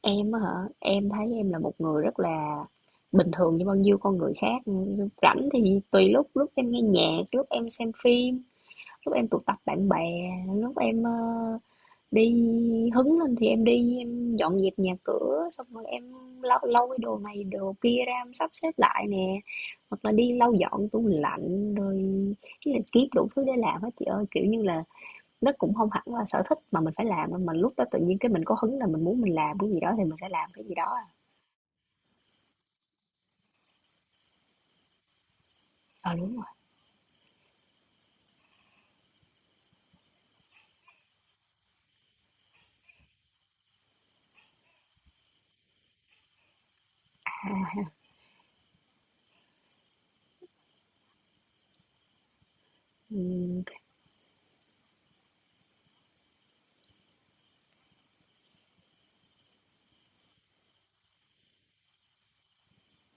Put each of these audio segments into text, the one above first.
Em á hả? Em thấy em là một người rất là bình thường như bao nhiêu con người khác. Rảnh thì tùy lúc, lúc em nghe nhạc, lúc em xem phim, lúc em tụ tập bạn bè, lúc em đi hứng lên thì em đi em dọn dẹp nhà cửa, xong rồi em lau lau cái đồ này đồ kia ra em sắp xếp lại nè, hoặc là đi lau dọn tủ lạnh rồi cái là kiếm đủ thứ để làm hết chị ơi, kiểu như là nó cũng không hẳn là sở thích mà mình phải làm đâu, mà mình lúc đó tự nhiên cái mình có hứng là mình muốn mình làm cái gì đó thì mình sẽ làm cái gì đó. Ờ à. Ờ, đúng rồi ha. ừm,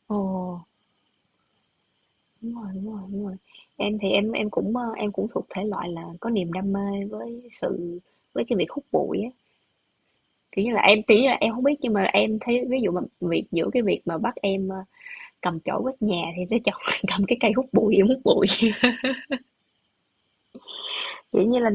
Ồ, đúng rồi, đúng rồi, đúng rồi. Em thì em cũng, em cũng thuộc thể loại là có niềm đam mê với sự với cái việc hút bụi á. Kiểu như là, em tí là em không biết nhưng mà em thấy ví dụ mà việc giữa cái việc mà bắt em, cầm chổi quét nhà thì tới chọn cầm cái cây hút bụi em hút bụi. Kiểu như là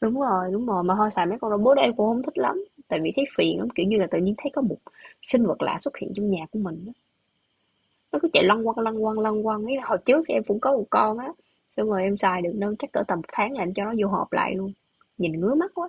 đúng rồi, đúng rồi, mà thôi xài mấy con robot đó em cũng không thích lắm. Tại vì thấy phiền lắm, kiểu như là tự nhiên thấy có một sinh vật lạ xuất hiện trong nhà của mình á. Nó cứ chạy lăn quăng lăn quăng lăn quăng ấy. Hồi trước thì em cũng có một con á. Xong rồi em xài được đâu chắc cỡ tầm một tháng là em cho nó vô hộp lại luôn. Nhìn ngứa mắt quá.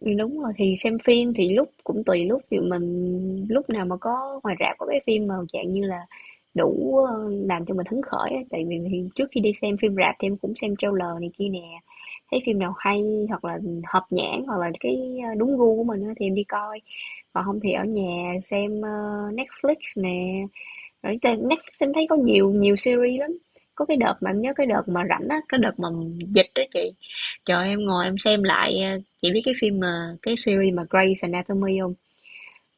Đúng rồi, thì xem phim thì lúc cũng tùy lúc, ví mình lúc nào mà có ngoài rạp có cái phim mà dạng như là đủ, làm cho mình hứng khởi á, tại vì thì trước khi đi xem phim rạp thì em cũng xem trailer này kia nè, thấy phim nào hay hoặc là hợp nhãn hoặc là cái, đúng gu của mình á thì em đi coi. Còn không thì ở nhà xem, Netflix nè, rồi trên Netflix em thấy có nhiều nhiều series lắm. Có cái đợt mà em nhớ cái đợt mà rảnh á, cái đợt mà dịch đó chị. Trời ơi, em ngồi em xem lại chị biết cái phim mà cái series mà Grey's Anatomy không?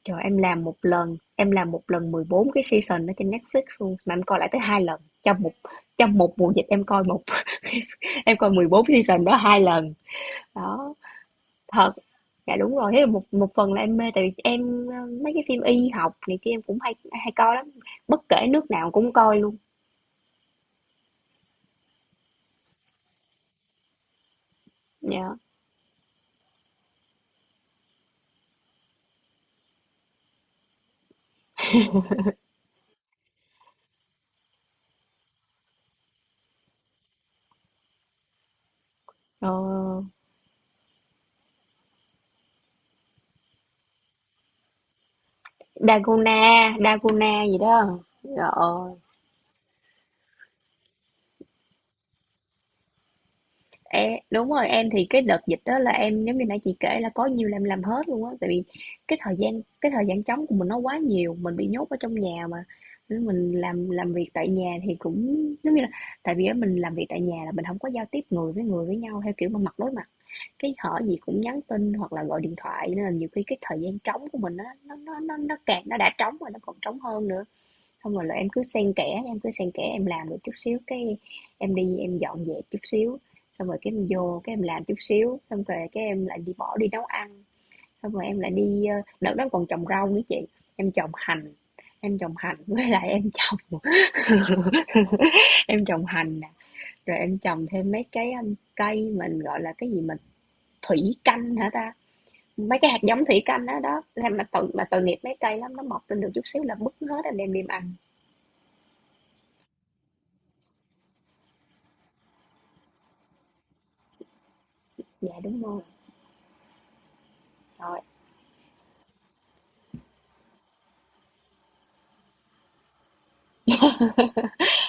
Trời em làm một lần, em làm một lần 14 cái season ở trên Netflix luôn mà em coi lại tới hai lần trong một mùa dịch em coi một em coi 14 season đó hai lần. Đó, thật. Dạ đúng rồi, thế là một một phần là em mê tại vì em mấy cái phim y học này kia em cũng hay hay coi lắm. Bất kể nước nào cũng coi luôn. Dạ. Ờ, Dalgona, Dalgona gì đó. Rồi, đúng rồi, em thì cái đợt dịch đó là em giống như nãy chị kể là có nhiều làm hết luôn á tại vì cái thời gian trống của mình nó quá nhiều, mình bị nhốt ở trong nhà mà. Nên mình làm việc tại nhà thì cũng giống như là tại vì á, mình làm việc tại nhà là mình không có giao tiếp người với nhau theo kiểu mà mặt đối mặt. Cái hỏi gì cũng nhắn tin hoặc là gọi điện thoại nên là nhiều khi cái thời gian trống của mình á nó càng nó đã trống rồi nó còn trống hơn nữa. Xong rồi là em cứ xen kẽ, em cứ xen kẽ em làm được chút xíu, cái em đi em dọn dẹp chút xíu, xong rồi cái em vô cái em làm chút xíu, xong rồi cái em lại đi bỏ đi nấu ăn, xong rồi em lại đi đợt đó còn trồng rau nữa chị, em trồng hành, em trồng hành với lại em trồng em trồng hành nè, rồi em trồng thêm mấy cái cây mình gọi là cái gì mà thủy canh hả ta? Mấy cái hạt giống thủy canh đó đó. Thế mà tội nghiệp mấy cây lắm nó mọc lên được chút xíu là bứt hết anh đem đi ăn. Dạ đúng rồi. Trời.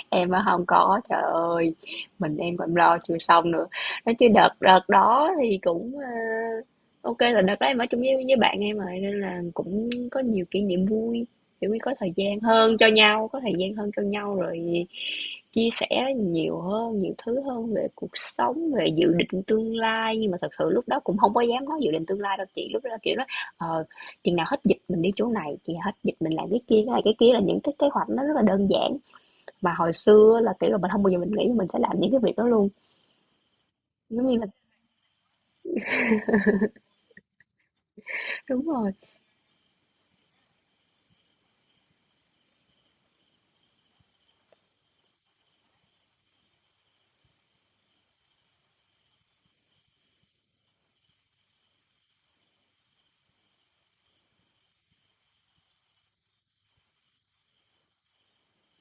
Em á không có, trời ơi, mình em còn lo chưa xong nữa. Nói chứ đợt đợt đó thì cũng, ô là đợt đó em ở chung với bạn em rồi nên là cũng có nhiều kỷ niệm vui, kiểu như, có thời gian hơn cho nhau, có thời gian hơn cho nhau rồi chia sẻ nhiều hơn, nhiều thứ hơn về cuộc sống, về dự định tương lai. Nhưng mà thật sự lúc đó cũng không có dám nói dự định tương lai đâu chị, lúc đó, kiểu, nói: "Ờ, chừng nào hết dịch mình đi chỗ này, chừng nào hết dịch mình làm cái kia." Cái này cái kia là những cái kế hoạch nó rất là đơn giản. Mà hồi xưa là, kiểu là, mình không bao giờ mình nghĩ mình sẽ làm những cái việc đó luôn, giống như là đúng rồi.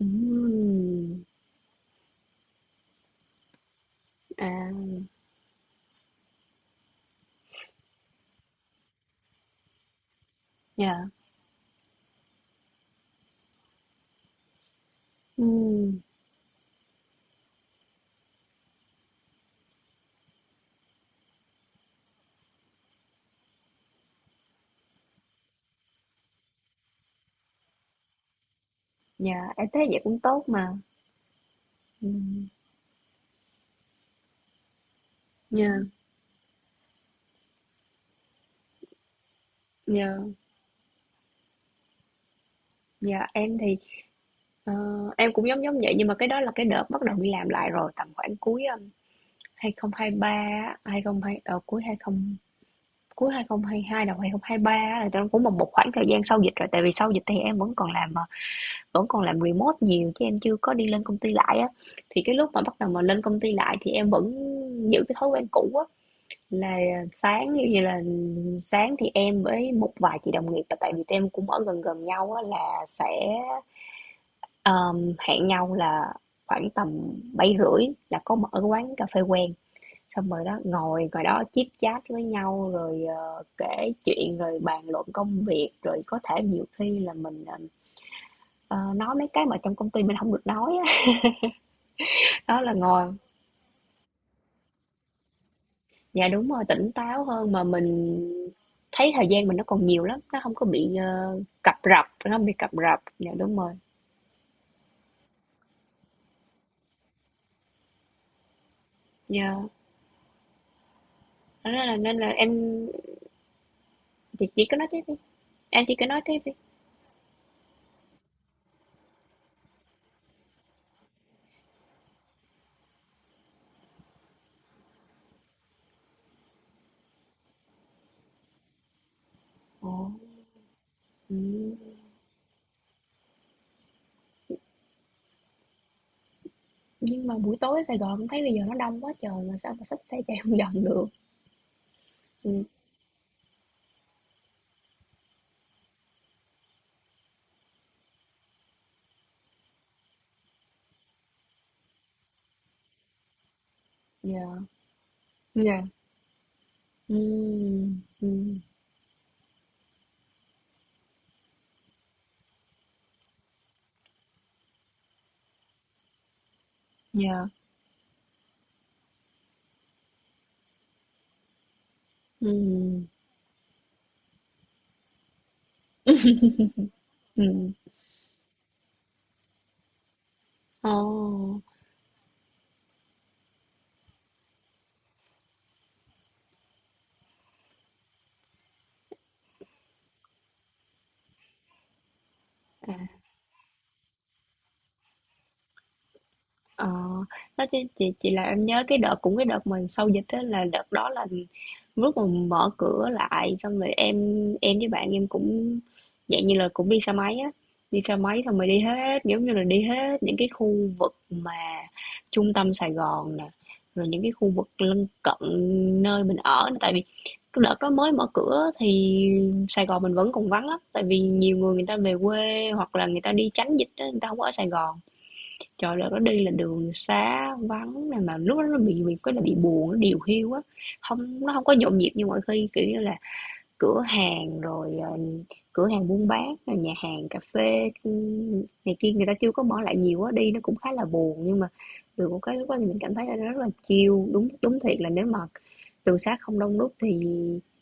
Ừm, à, yeah, ừm, yeah, em thấy vậy cũng tốt mà. Ừm, yeah, yeah, yeah. Em thì, ờ, em cũng giống giống vậy nhưng mà cái đó là cái đợt bắt đầu đi làm lại rồi, tầm khoảng cuối, 2023 á, 2020 cuối 20 cuối 2022, đầu 2023 á là tụi em cũng một một khoảng thời gian sau dịch rồi, tại vì sau dịch thì em vẫn còn làm, vẫn còn làm remote nhiều chứ em chưa có đi lên công ty lại á thì cái lúc mà bắt đầu mà lên công ty lại thì em vẫn giữ cái thói quen cũ á là sáng như vậy là sáng thì em với một vài chị đồng nghiệp và tại vì tụi em cũng ở gần gần nhau á là sẽ hẹn nhau là khoảng tầm 7:30 là có mở cái quán cà phê quen xong rồi đó ngồi ngồi đó chit chat với nhau rồi kể chuyện rồi bàn luận công việc rồi có thể nhiều khi là mình ờ, nói mấy cái mà trong công ty mình không được nói á. Đó là ngồi dạ, đúng rồi, tỉnh táo hơn mà mình thấy thời gian mình nó còn nhiều lắm, nó không có bị, cập rập, nó không bị cập rập. Dạ, đúng rồi. Yeah, thế nên là em chị cứ nói tiếp đi, em chỉ cứ nói tiếp đi. Ồ, ừm, nhưng mà buổi tối ở Sài Gòn em thấy bây giờ nó đông quá trời mà sao mà xách xe chạy không vòng được. Ừm, yeah, yeah, ừm, ừm, yeah, ừm, ừm. Ồ, à. Ờ, nói chứ chị là em nhớ cái đợt cũng cái đợt mà sau dịch á là đợt đó là lúc mà mở cửa lại xong rồi em với bạn em cũng dạng như là cũng đi xe máy á đi xe máy xong rồi đi hết giống như là đi hết những cái khu vực mà trung tâm Sài Gòn nè rồi những cái khu vực lân cận nơi mình ở nè tại vì cái đợt đó mới mở cửa thì Sài Gòn mình vẫn còn vắng lắm tại vì nhiều người người ta về quê hoặc là người ta đi tránh dịch á người ta không có ở Sài Gòn. Trời, là nó đi là đường xá vắng này mà lúc đó nó bị cái là bị buồn, nó điều hiu á, không nó không có nhộn nhịp như mọi khi, kiểu như là, cửa hàng rồi, cửa hàng buôn bán, rồi nhà hàng cà phê, ừ, này kia người ta chưa có mở lại nhiều á, đi nó cũng khá là buồn. Nhưng mà được một cái lúc đó thì mình cảm thấy là nó rất là chill, đúng đúng thiệt là nếu mà đường xá không đông đúc thì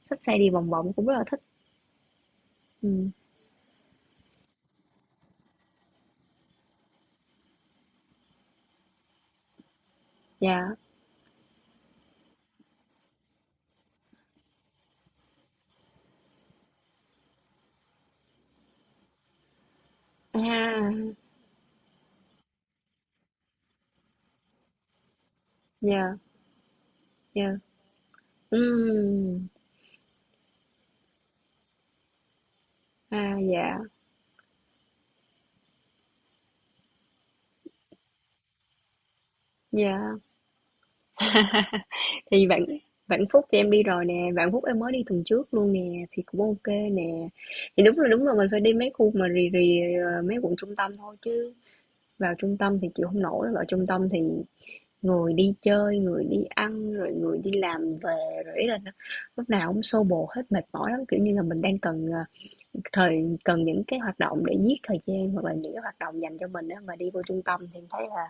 xách xe đi vòng vòng cũng rất là thích. Ừm, dạ, à, yeah, yeah, ừm, à, dạ, yeah. Thì Vạn Vạn Phúc thì em đi rồi nè, Vạn Phúc em mới đi tuần trước luôn nè, thì cũng OK nè. Thì đúng là mình phải đi mấy khu mà rì rì mấy quận trung tâm thôi chứ vào trung tâm thì chịu không nổi, vào trung tâm thì người đi chơi, người đi ăn rồi người đi làm về rồi ý là nó, lúc nào cũng xô bồ hết mệt mỏi lắm kiểu như là mình đang cần thời cần những cái hoạt động để giết thời gian hoặc là những cái hoạt động dành cho mình á mà đi vô trung tâm thì em thấy là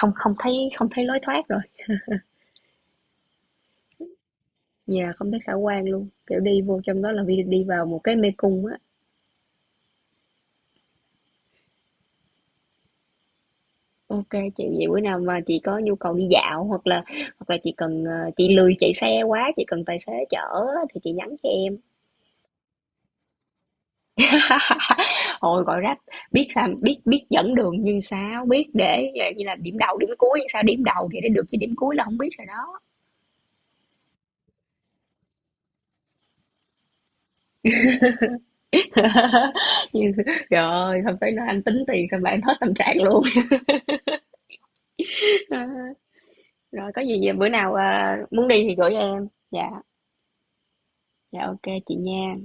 không không thấy không thấy lối thoát. Dạ, không thấy khả quan luôn, kiểu, đi vô trong đó là đi đi vào một cái mê cung á. OK chị, vậy bữa nào mà chị có nhu cầu đi dạo hoặc là chị cần, chị lười chạy xe quá, chị cần tài xế chở á thì chị nhắn cho em. Hồi gọi rách, biết sao biết biết dẫn đường nhưng sao biết để dạng như là điểm đầu, điểm cuối, sao điểm đầu thì để được chứ điểm cuối là không biết rồi đó. Nhưng trời không phải nói anh tính tiền xong là em hết tâm trạng luôn. Rồi có gì bữa nào, à, muốn đi thì gửi em. Dạ, dạ ok chị nha.